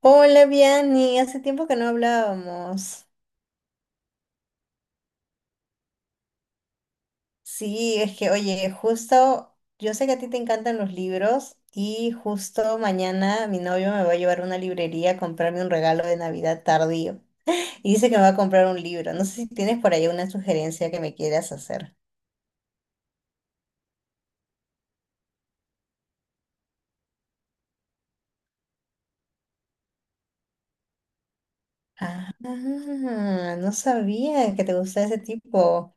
Hola, Vianney, hace tiempo que no hablábamos. Sí, es que, oye, justo, yo sé que a ti te encantan los libros y justo mañana mi novio me va a llevar a una librería a comprarme un regalo de Navidad tardío. Y dice que me va a comprar un libro. No sé si tienes por ahí una sugerencia que me quieras hacer. Ah, no sabía que te gustaba ese tipo.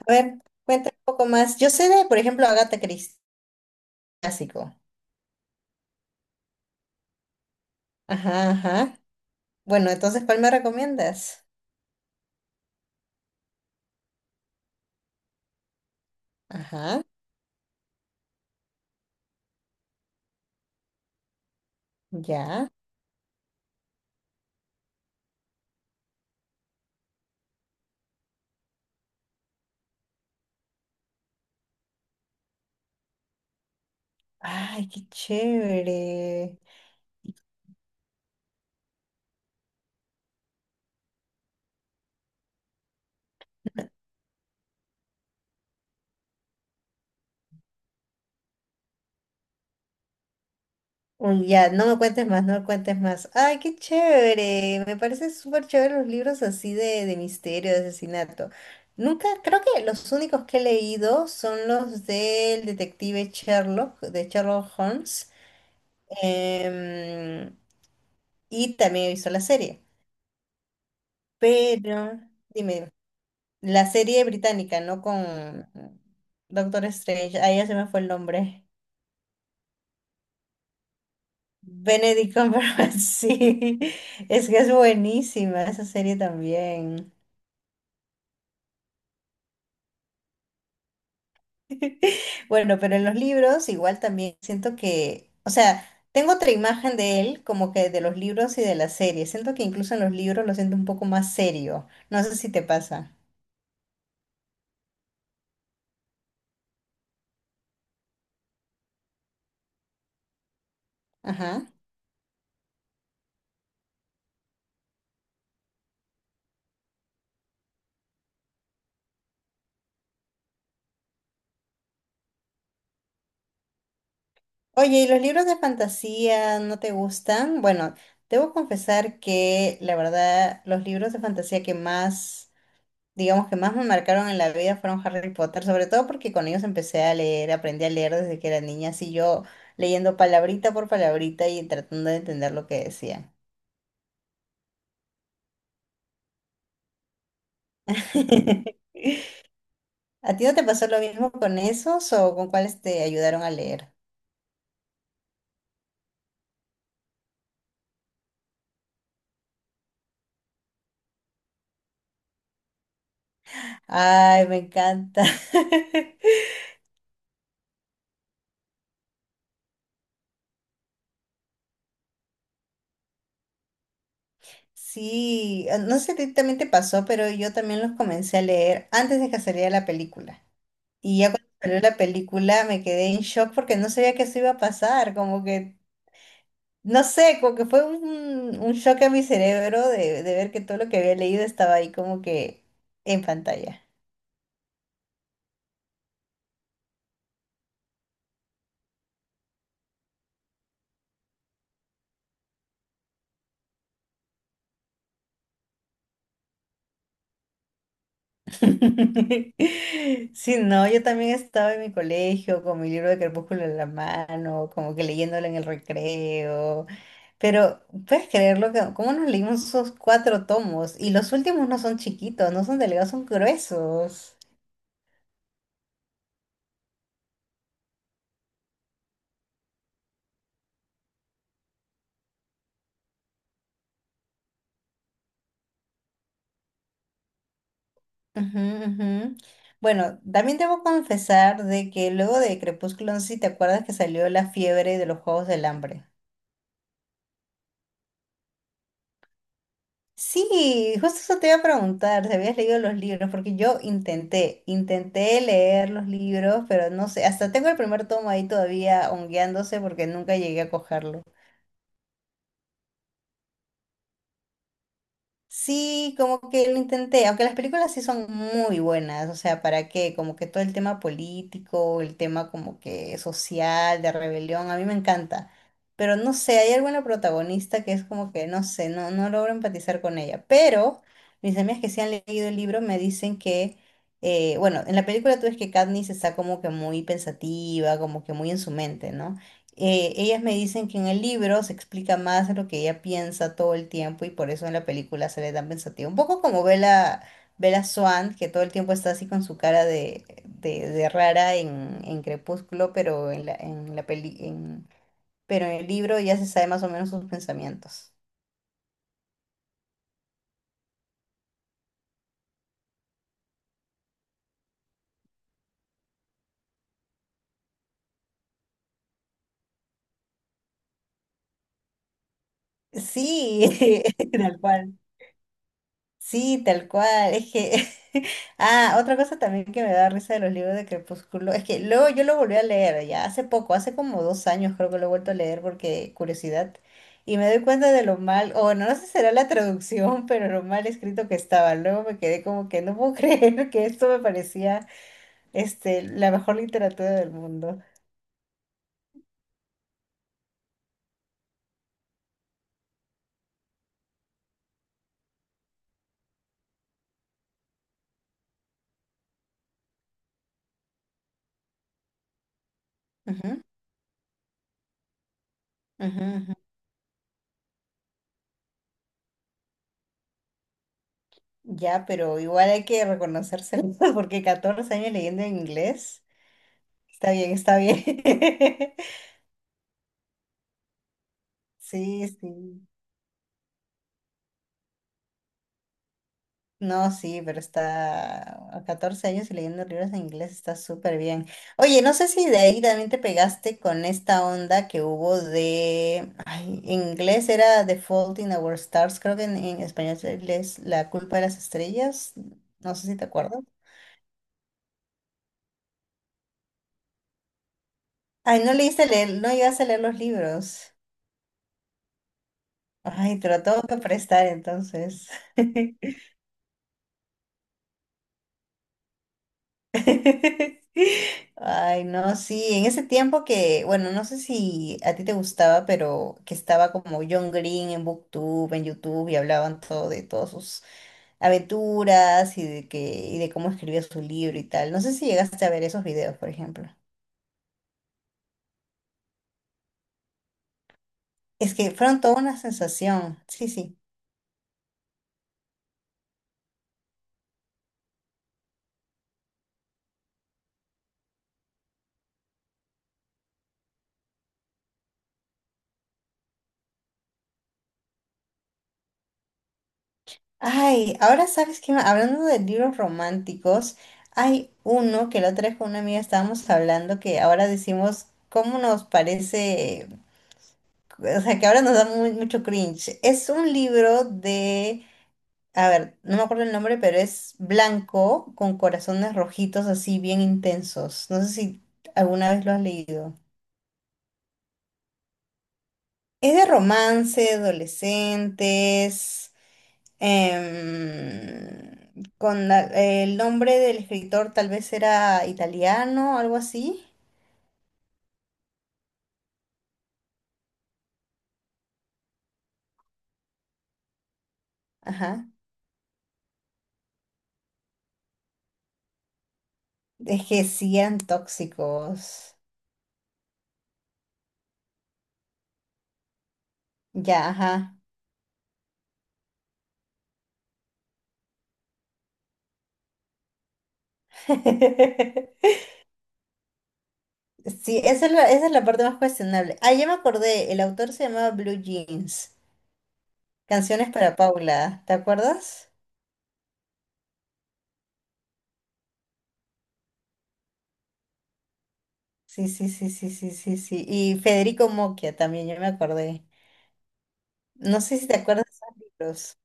A ver, cuéntame un poco más. Yo sé de, por ejemplo, Agatha Christie, clásico. Ajá, ajá. Bueno, entonces, ¿cuál me recomiendas? Ajá. Ya. Ay, qué chévere. Uy, ya, no me cuentes más, no me cuentes más. Ay, qué chévere. Me parece súper chévere los libros así de misterio, de asesinato. Nunca, creo que los únicos que he leído son los del detective Sherlock, de Sherlock Holmes. em, y también he visto la serie. Pero, dime, la serie británica, ¿no? Con Doctor Strange. Ahí ya se me fue el nombre. Benedict Cumberbatch, sí, es que es buenísima esa serie también. Bueno, pero en los libros igual también siento que, o sea, tengo otra imagen de él como que de los libros y de la serie. Siento que incluso en los libros lo siento un poco más serio. No sé si te pasa. Ajá. Oye, ¿y los libros de fantasía no te gustan? Bueno, debo confesar que la verdad, los libros de fantasía que más digamos, que más me marcaron en la vida fueron Harry Potter, sobre todo porque con ellos empecé a leer, aprendí a leer desde que era niña, así yo leyendo palabrita por palabrita y tratando de entender lo que decían. ¿A ti no te pasó lo mismo con esos o con cuáles te ayudaron a leer? Ay, me encanta. Sí, no sé si a ti también te pasó, pero yo también los comencé a leer antes de que saliera la película. Y ya cuando salió la película me quedé en shock porque no sabía que eso iba a pasar, como que no sé, como que fue un shock a mi cerebro de ver que todo lo que había leído estaba ahí como que en pantalla. Sí, no, yo también estaba en mi colegio con mi libro de Crepúsculo en la mano, como que leyéndolo en el recreo. Pero, ¿puedes creerlo? Que, ¿cómo nos leímos esos cuatro tomos? Y los últimos no son chiquitos, no son delgados, son gruesos. Ujú, ujú. Bueno, también debo confesar de que luego de Crepúsculo, no sé si te acuerdas que salió la fiebre de los Juegos del Hambre. Sí, justo eso te iba a preguntar, si habías leído los libros, porque yo intenté leer los libros, pero no sé, hasta tengo el primer tomo ahí todavía hongueándose porque nunca llegué a cogerlo. Sí, como que lo intenté, aunque las películas sí son muy buenas, o sea, ¿para qué? Como que todo el tema político, el tema como que social, de rebelión, a mí me encanta, pero no sé, hay alguna protagonista que es como que, no sé, no, no logro empatizar con ella, pero mis amigas que sí han leído el libro me dicen que, bueno, en la película tú ves que Katniss está como que muy pensativa, como que muy en su mente, ¿no? Eh, ellas me dicen que en el libro se explica más de lo que ella piensa todo el tiempo y por eso en la película sale tan pensativa. Un poco como Bella, Bella Swan, que todo el tiempo está así con su cara de rara en Crepúsculo, pero en la peli, en, pero en el libro ya se sabe más o menos sus pensamientos. Sí, tal cual. Sí, tal cual. Es que, ah, otra cosa también que me da risa de los libros de Crepúsculo, es que luego yo lo volví a leer ya hace poco, hace como 2 años creo que lo he vuelto a leer porque curiosidad, y me doy cuenta de lo mal, o no, no sé si será la traducción, pero lo mal escrito que estaba. Luego me quedé como que no puedo creer que esto me parecía, este, la mejor literatura del mundo. Ujú, ujú, ujú. Ya, pero igual hay que reconocérselo porque 14 años leyendo en inglés, está bien, está bien. Sí, sí. No, sí, pero está a 14 años y leyendo libros en inglés está súper bien. Oye, no sé si de ahí también te pegaste con esta onda que hubo de... Ay, en inglés era The Fault in Our Stars, creo que en español es La culpa de las estrellas. No sé si te acuerdas. Ay, no leíste leer, no llegaste a leer los libros. Ay, te lo tengo que prestar entonces. Ay, no, sí, en ese tiempo que, bueno, no sé si a ti te gustaba, pero que estaba como John Green en BookTube, en YouTube, y hablaban todo de todas sus aventuras y de que, y de cómo escribía su libro y tal. No sé si llegaste a ver esos videos, por ejemplo. Es que fueron toda una sensación. Sí, sí. Ay, ahora sabes que hablando de libros románticos, hay uno que la otra vez con una amiga estábamos hablando que ahora decimos cómo nos parece. O sea, que ahora nos da muy, mucho cringe. Es un libro de, a ver, no me acuerdo el nombre, pero es blanco con corazones rojitos así bien intensos. No sé si alguna vez lo has leído. Es de romance, adolescentes, em, con la, el nombre del escritor tal vez era italiano, algo así. Ajá. Es que sí eran tóxicos. Ya, ajá. Sí, esa es la parte más cuestionable. Ah, ya me acordé, el autor se llamaba Blue Jeans, Canciones para Paula, ¿te acuerdas? Sí, sí, sí, sí, sí, sí, sí. Y Federico Mocchia también, ya me acordé. No sé si te acuerdas de esos libros.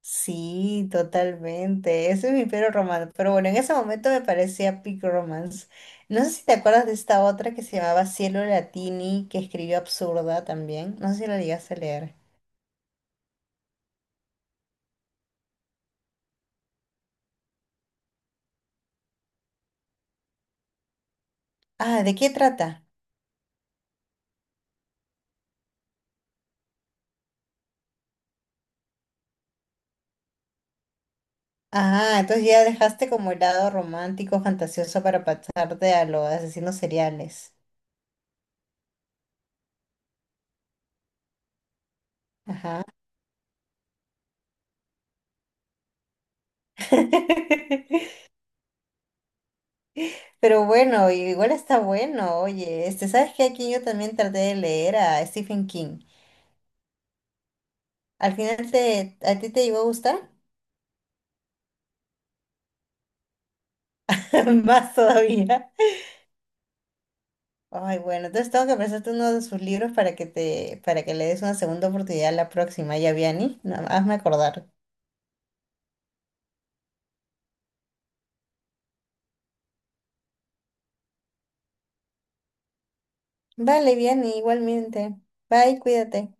Sí, totalmente. Ese es mi Pico Romance. Pero bueno, en ese momento me parecía Pico Romance. No sé si te acuerdas de esta otra que se llamaba Cielo Latini, que escribió Absurda también. No sé si la llegaste a leer. Ah, ¿de qué trata? Ah, entonces ya dejaste como el lado romántico, fantasioso para pasarte a los asesinos seriales. Ajá. Pero bueno, igual está bueno, oye, este, ¿sabes qué? Aquí yo también traté de leer a Stephen King. Al final te, ¿a ti te iba a gustar? Más todavía. Ay, bueno, entonces tengo que prestarte uno de sus libros para que te, para que le des una segunda oportunidad la próxima, ya, Vianney. No, hazme acordar. Vale, Vianney, igualmente. Bye, cuídate.